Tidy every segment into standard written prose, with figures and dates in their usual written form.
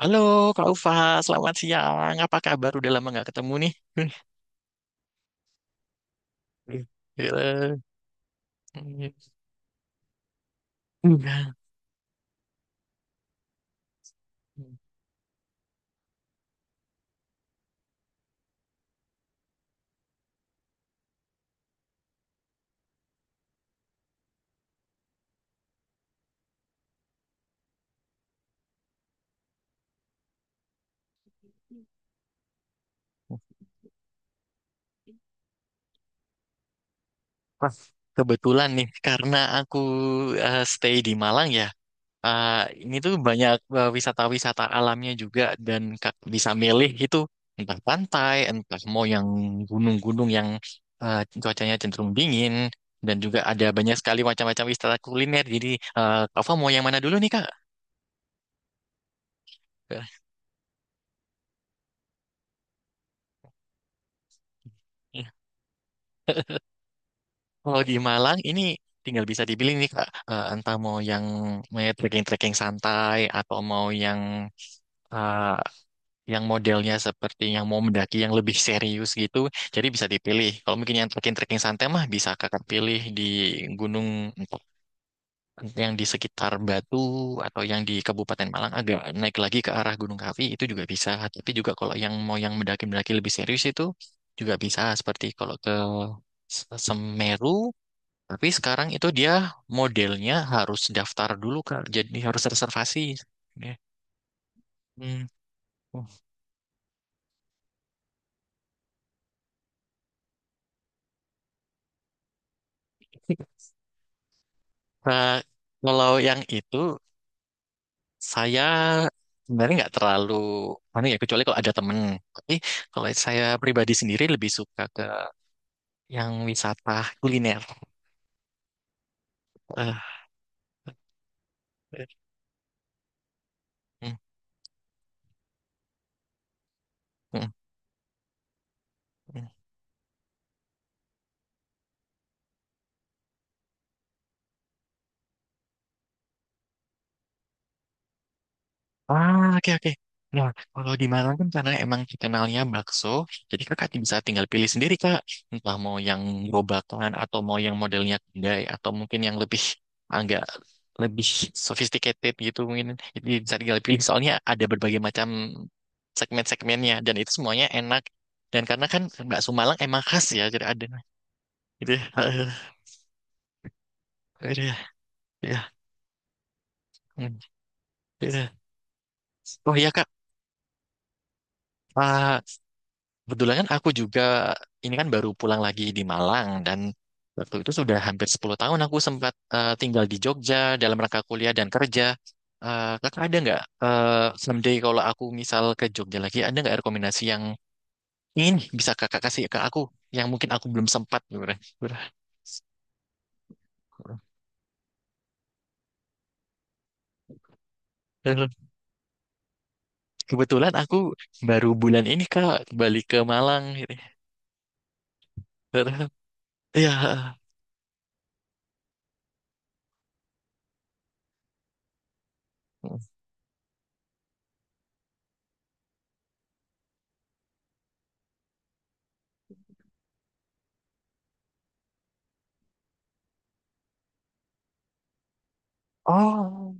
Halo Kak Ufa, selamat siang. Apa kabar? Udah lama nggak ketemu nih. Gila. Iya. Pas kebetulan nih, karena aku stay di Malang ya. eh, ini tuh banyak wisata-wisata alamnya juga dan Kak bisa milih itu entah pantai, entah mau yang gunung-gunung yang cuacanya cenderung dingin dan juga ada banyak sekali macam-macam wisata kuliner. Jadi Kak Ufa mau yang mana dulu nih Kak? Kalau di Malang ini tinggal bisa dipilih nih Kak, entah mau yang mau trekking-trekking santai atau mau yang eh, yang modelnya seperti yang mau mendaki yang lebih serius gitu. Jadi bisa dipilih. Kalau mungkin yang trekking-trekking santai mah bisa Kakak pilih di gunung entah yang di sekitar Batu atau yang di Kabupaten Malang agak naik lagi ke arah Gunung Kawi itu juga bisa. Tapi juga kalau yang mau yang mendaki-mendaki lebih serius itu juga bisa seperti kalau ke Semeru, tapi sekarang itu dia modelnya harus daftar dulu, Kak. Jadi harus reservasi. Ya. Hmm. Oh. Nah, kalau yang itu saya sebenarnya nggak terlalu mana ya, kecuali kalau ada temen. Tapi kalau saya pribadi sendiri lebih suka ke yang wisata kuliner. Eh, eh, hmm, hmm, hmm. Ah, oke, oke. Nah, kalau di Malang kan karena emang terkenalnya bakso, jadi kakak bisa tinggal pilih sendiri, Kak. Entah mau yang gerobakan, atau mau yang modelnya kedai, atau mungkin yang agak lebih sophisticated gitu mungkin. Jadi bisa tinggal pilih, soalnya ada berbagai macam segmen-segmennya, dan itu semuanya enak. Dan karena kan bakso Malang emang khas ya, jadi ada. Gitu ya. Aduh, ya. Ya. Hmm, gitu ya. Oh iya, Kak. Ah, kebetulan kan aku juga ini kan baru pulang lagi di Malang dan waktu itu sudah hampir 10 tahun aku sempat tinggal di Jogja dalam rangka kuliah dan kerja. Kakak ada nggak someday kalau aku misal ke Jogja lagi ada nggak rekomendasi yang ingin bisa kakak kasih ke aku yang mungkin aku belum sempat gitu kan. Kebetulan aku baru bulan ini Kak balik ke Malang, gitu. Iya. Oh.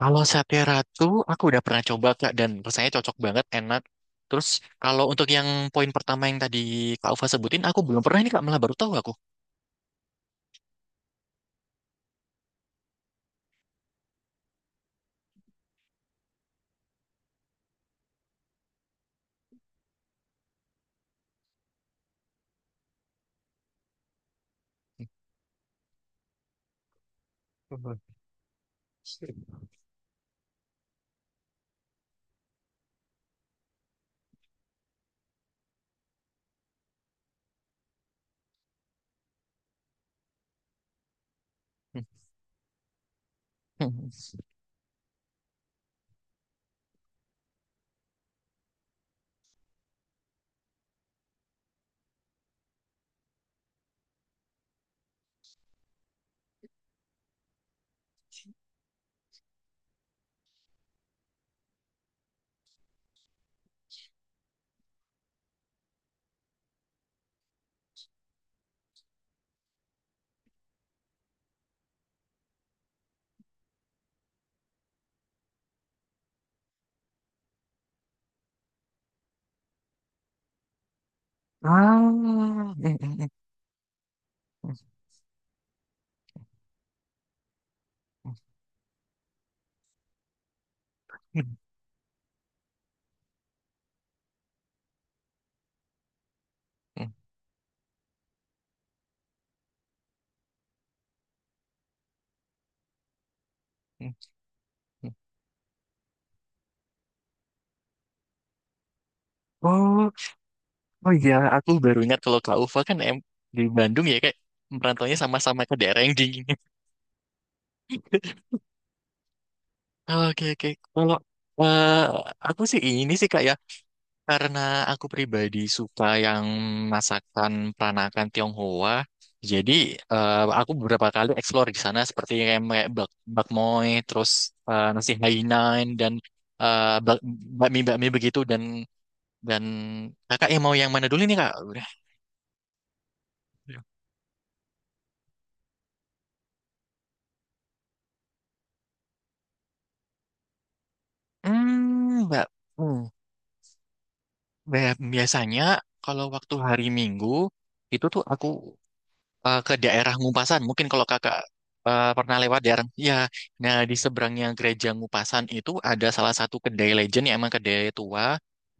Kalau Sate Ratu, aku udah pernah coba Kak dan rasanya cocok banget, enak. Terus kalau untuk yang poin pertama yang tadi Kak Ufa sebutin, aku belum pernah ini Kak, malah baru tahu aku. Mhm. Ah. Oh, oh iya, aku baru ingat kalau Kak Ufa kan di Bandung ya, kayak merantaunya sama-sama ke daerah yang dingin. Oke oke. Kalau eh, aku sih ini sih Kak ya. Karena aku pribadi suka yang masakan peranakan Tionghoa, jadi eh, aku beberapa kali explore di sana seperti kayak bakmoy, terus nasi Hainan dan eh, bak, bakmi bakmi begitu dan dan kakak yang mau yang mana dulu nih kak? Udah. Hmm, mbak, hmm, biasanya kalau waktu hari Minggu itu tuh aku ke daerah Ngupasan. Mungkin kalau kakak pernah lewat daerah, ya, nah di seberangnya gereja Ngupasan itu ada salah satu kedai legend yang emang kedai tua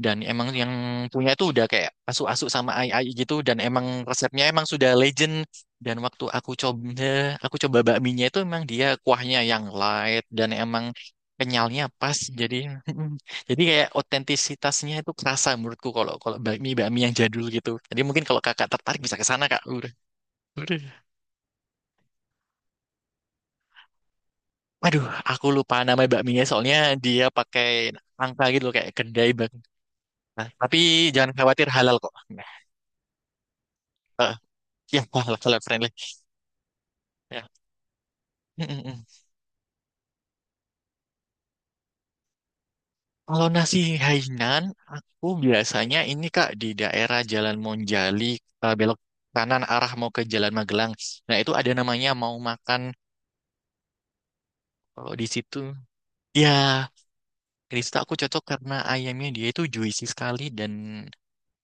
dan emang yang punya itu udah kayak asu-asu sama ai-ai gitu dan emang resepnya emang sudah legend, dan waktu aku coba bakminya itu emang dia kuahnya yang light dan emang kenyalnya pas jadi jadi kayak otentisitasnya itu kerasa menurutku kalau kalau bakmi bakmi yang jadul gitu, jadi mungkin kalau kakak tertarik bisa ke sana Kak. Udah. Aduh, aku lupa nama bakminya soalnya dia pakai angka gitu loh, kayak kedai bakmi. Nah, tapi jangan khawatir, halal kok. Nah, eh, ya halal, halal friendly. Ya. Mm, mm, mm. Kalau nasi Hainan, aku biasanya ini Kak di daerah Jalan Monjali belok kanan arah mau ke Jalan Magelang. Nah, itu ada namanya Mau Makan, kalau di situ. Ya, Krista aku cocok karena ayamnya dia itu juicy sekali dan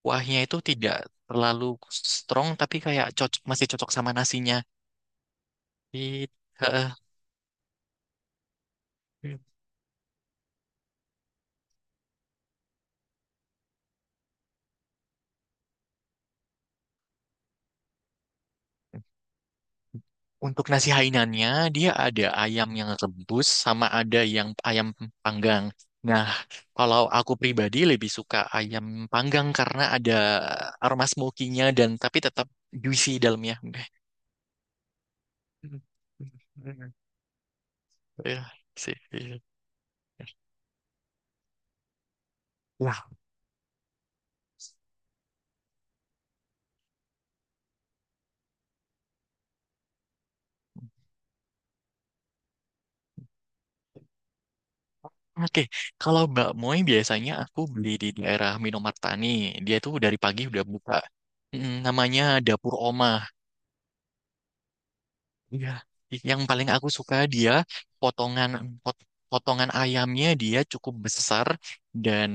kuahnya itu tidak terlalu strong tapi kayak cocok, masih cocok sama nasinya. Di eh, untuk nasi Hainannya dia ada ayam yang rebus sama ada yang ayam panggang. Nah, kalau aku pribadi lebih suka ayam panggang karena ada aroma smoky-nya, dan tapi tetap juicy dalamnya. Ya, sih. Iya. Lah. Oke, kalau Mbak Moy biasanya aku beli di daerah Minomartani. Dia tuh dari pagi udah buka. Mm, namanya Dapur Oma. Iya. Yang paling aku suka dia potongan potongan ayamnya dia cukup besar dan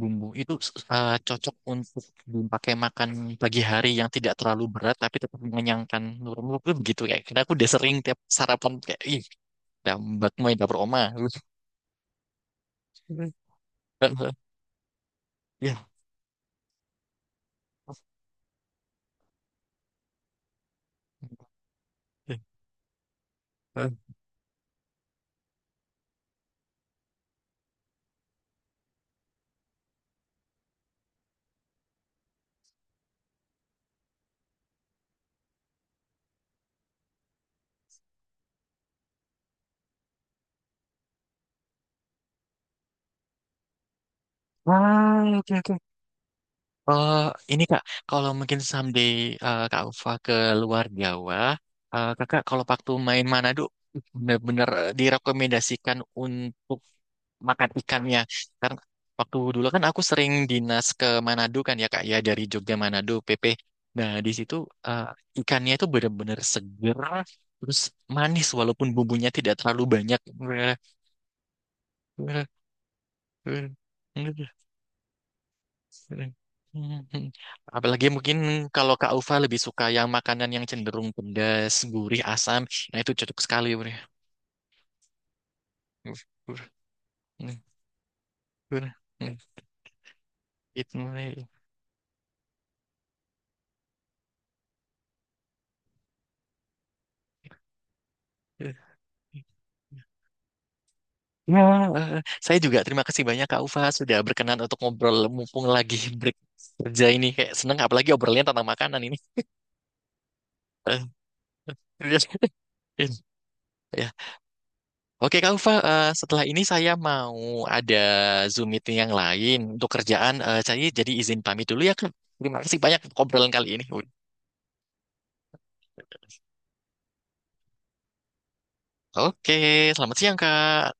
bumbu itu cocok untuk dipakai makan pagi hari yang tidak terlalu berat tapi tetap mengenyangkan, nurun itu begitu kayak. Karena aku udah sering tiap sarapan kayak ih, Mbak Moy Dapur Oma. Ya. Ah, oke, oke. Eh, ini Kak, kalau mungkin someday Kak Ufa ke luar Jawa, Kakak kalau waktu main Manado bener benar direkomendasikan untuk makan ikannya. Karena waktu dulu kan aku sering dinas ke Manado kan ya Kak ya, dari Jogja Manado PP. Nah, di situ eh, ikannya itu bener-bener seger, terus manis walaupun bumbunya tidak terlalu banyak. Mhm. Apalagi mungkin kalau Kak Ufa lebih suka yang makanan yang cenderung pedas, gurih, asam. Nah itu cocok sekali. Bre. Itu. Ya, eh, saya juga terima kasih banyak Kak Ufa sudah berkenan untuk ngobrol mumpung lagi break kerja ini, kayak seneng apalagi obrolannya tentang makanan ini. Eh, Ya. Oke, Kak Ufa, setelah ini saya mau ada Zoom meeting yang lain untuk kerjaan. Saya jadi izin pamit dulu ya, Kak. Terima kasih banyak untuk obrolan kali ini. Oke, selamat siang, Kak.